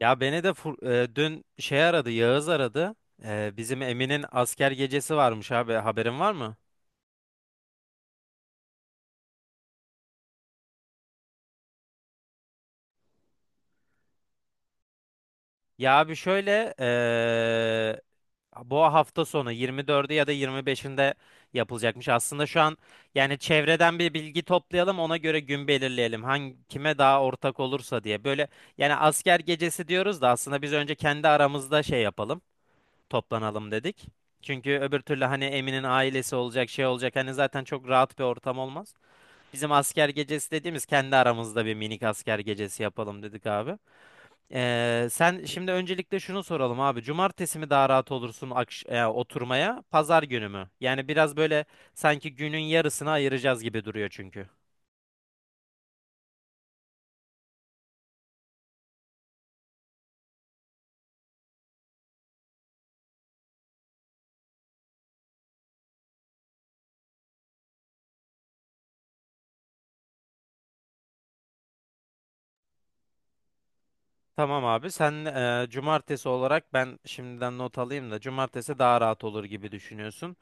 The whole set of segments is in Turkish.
Ya beni de dün şey aradı, Yağız aradı. Bizim Emin'in asker gecesi varmış abi. Haberin var mı? Ya abi şöyle bu hafta sonu 24'ü ya da 25'inde yapılacakmış. Aslında şu an yani çevreden bir bilgi toplayalım, ona göre gün belirleyelim. Hangi kime daha ortak olursa diye. Böyle yani asker gecesi diyoruz da aslında biz önce kendi aramızda şey yapalım, toplanalım dedik. Çünkü öbür türlü hani Emin'in ailesi olacak, şey olacak. Hani zaten çok rahat bir ortam olmaz. Bizim asker gecesi dediğimiz kendi aramızda bir minik asker gecesi yapalım dedik abi. Sen şimdi öncelikle şunu soralım abi. Cumartesi mi daha rahat olursun oturmaya, pazar günü mü? Yani biraz böyle sanki günün yarısını ayıracağız gibi duruyor çünkü. Tamam abi, sen cumartesi olarak ben şimdiden not alayım da cumartesi daha rahat olur gibi düşünüyorsun.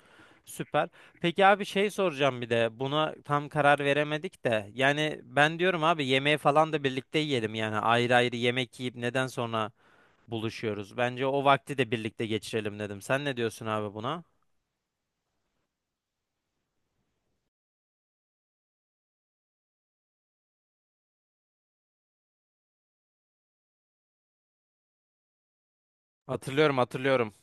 Süper. Peki abi şey soracağım, bir de buna tam karar veremedik de yani ben diyorum abi yemeği falan da birlikte yiyelim, yani ayrı ayrı yemek yiyip neden sonra buluşuyoruz? Bence o vakti de birlikte geçirelim dedim. Sen ne diyorsun abi buna? Hatırlıyorum, hatırlıyorum.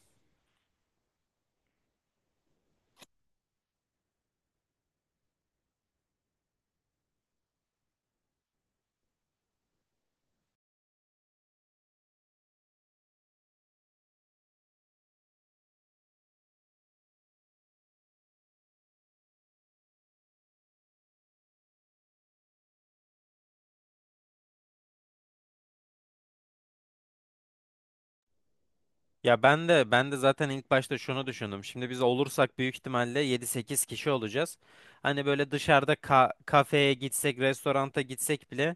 Ya ben de ben de zaten ilk başta şunu düşündüm. Şimdi biz olursak büyük ihtimalle yedi sekiz kişi olacağız. Hani böyle dışarıda kafeye gitsek, restoranta gitsek bile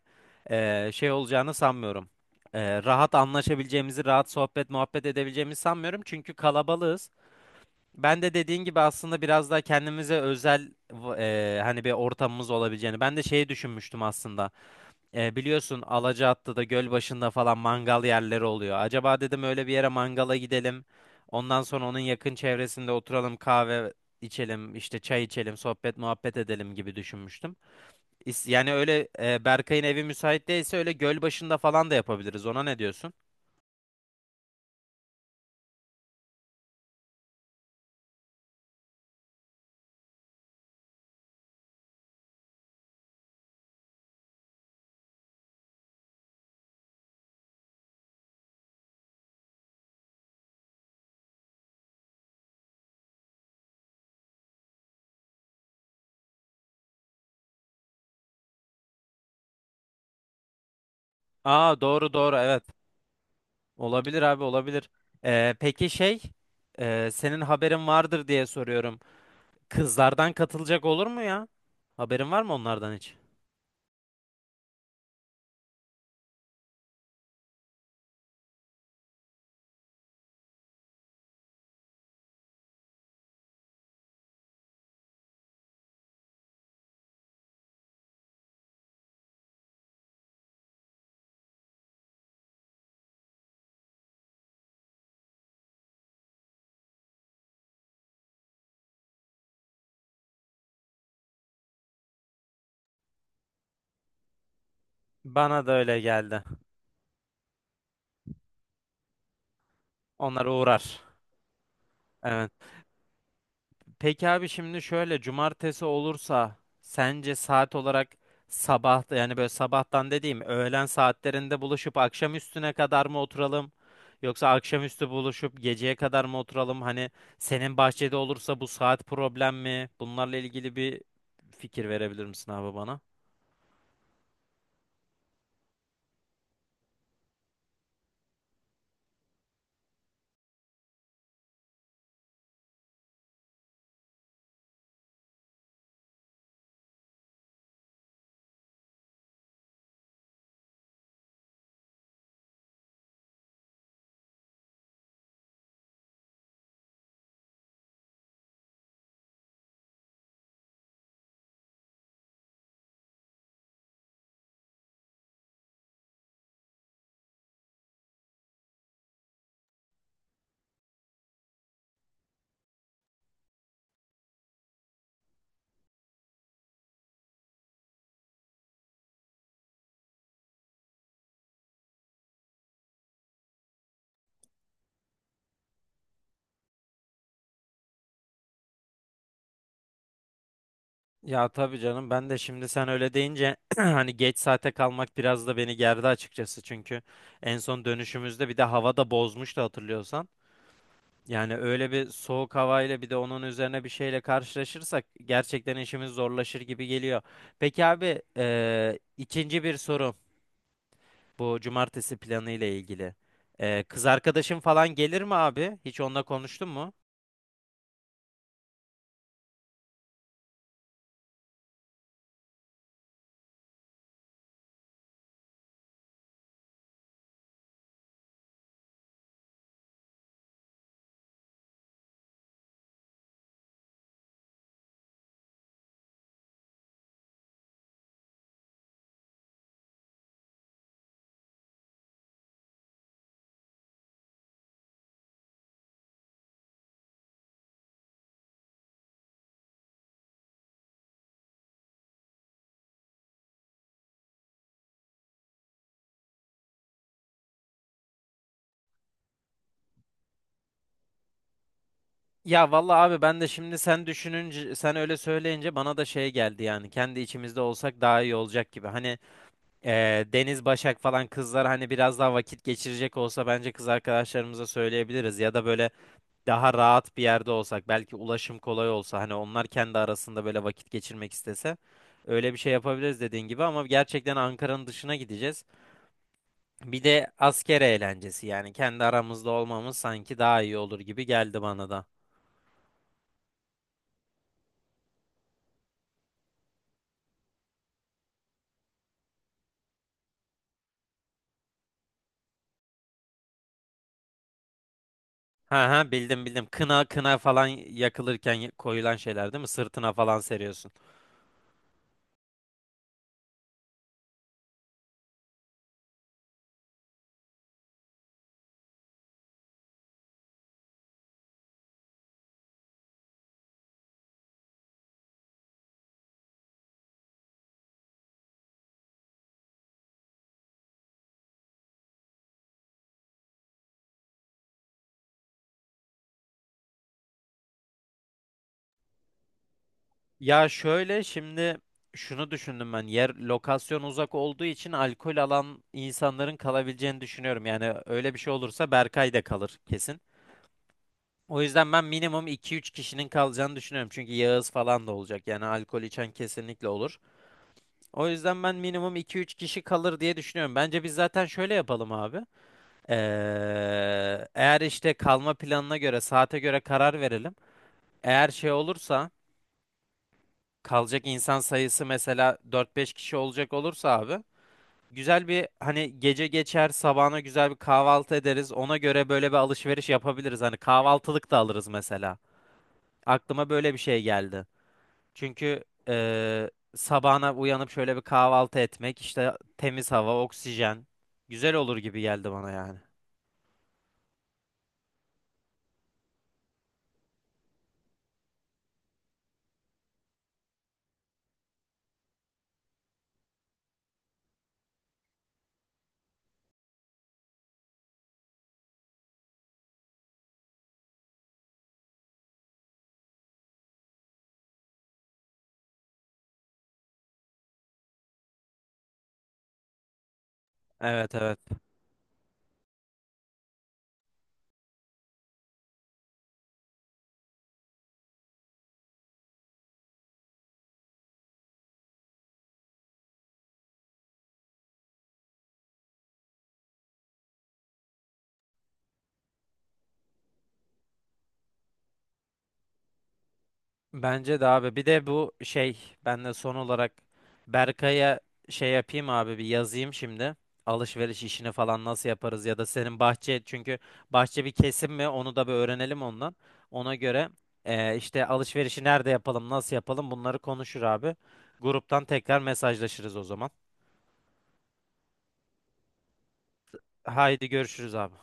şey olacağını sanmıyorum. Rahat anlaşabileceğimizi, rahat sohbet muhabbet edebileceğimizi sanmıyorum. Çünkü kalabalığız. Ben de dediğin gibi aslında biraz daha kendimize özel hani bir ortamımız olabileceğini. Ben de şeyi düşünmüştüm aslında. Biliyorsun Alacaatlı'da göl başında falan mangal yerleri oluyor. Acaba dedim öyle bir yere mangala gidelim. Ondan sonra onun yakın çevresinde oturalım, kahve içelim, işte çay içelim, sohbet muhabbet edelim gibi düşünmüştüm. Yani öyle Berkay'ın evi müsait değilse öyle göl başında falan da yapabiliriz. Ona ne diyorsun? Aa, doğru doğru, evet. Olabilir abi, olabilir. Peki şey, senin haberin vardır diye soruyorum. Kızlardan katılacak olur mu ya? Haberin var mı onlardan hiç? Bana da öyle geldi. Onlar uğrar. Evet. Peki abi şimdi şöyle, cumartesi olursa sence saat olarak sabah, yani böyle sabahtan dediğim öğlen saatlerinde buluşup akşam üstüne kadar mı oturalım? Yoksa akşamüstü buluşup geceye kadar mı oturalım? Hani senin bahçede olursa bu saat problem mi? Bunlarla ilgili bir fikir verebilir misin abi bana? Ya tabii canım, ben de şimdi sen öyle deyince hani geç saate kalmak biraz da beni gerdi açıkçası, çünkü en son dönüşümüzde bir de hava da bozmuştu, hatırlıyorsan. Yani öyle bir soğuk havayla bir de onun üzerine bir şeyle karşılaşırsak gerçekten işimiz zorlaşır gibi geliyor. Peki abi ikinci bir soru, bu cumartesi planı ile ilgili. Kız arkadaşın falan gelir mi abi? Hiç onunla konuştun mu? Ya vallahi abi, ben de şimdi sen düşününce, sen öyle söyleyince bana da şey geldi, yani kendi içimizde olsak daha iyi olacak gibi. Hani Deniz, Başak falan kızlar hani biraz daha vakit geçirecek olsa bence kız arkadaşlarımıza söyleyebiliriz, ya da böyle daha rahat bir yerde olsak, belki ulaşım kolay olsa, hani onlar kendi arasında böyle vakit geçirmek istese öyle bir şey yapabiliriz dediğin gibi, ama gerçekten Ankara'nın dışına gideceğiz. Bir de asker eğlencesi, yani kendi aramızda olmamız sanki daha iyi olur gibi geldi bana da. Ha ha, bildim, bildim. Kına kına falan yakılırken koyulan şeyler değil mi? Sırtına falan seriyorsun. Ya şöyle şimdi, şunu düşündüm ben. Yer, lokasyon uzak olduğu için alkol alan insanların kalabileceğini düşünüyorum. Yani öyle bir şey olursa Berkay da kalır kesin. O yüzden ben minimum iki üç kişinin kalacağını düşünüyorum. Çünkü Yağız falan da olacak. Yani alkol içen kesinlikle olur. O yüzden ben minimum iki üç kişi kalır diye düşünüyorum. Bence biz zaten şöyle yapalım abi. Eğer işte kalma planına göre, saate göre karar verelim. Eğer şey olursa, kalacak insan sayısı mesela dört beş kişi olacak olursa abi, güzel bir hani gece geçer, sabahına güzel bir kahvaltı ederiz. Ona göre böyle bir alışveriş yapabiliriz. Hani kahvaltılık da alırız mesela. Aklıma böyle bir şey geldi. Çünkü sabahına uyanıp şöyle bir kahvaltı etmek, işte temiz hava, oksijen, güzel olur gibi geldi bana yani. Evet, evet. Bence de abi. Bir de bu şey, ben de son olarak Berkay'a şey yapayım abi, bir yazayım şimdi. Alışveriş işini falan nasıl yaparız, ya da senin bahçe, çünkü bahçe bir kesim mi, onu da bir öğrenelim ondan. Ona göre işte alışverişi nerede yapalım, nasıl yapalım, bunları konuşur abi. Gruptan tekrar mesajlaşırız o zaman. Haydi görüşürüz abi.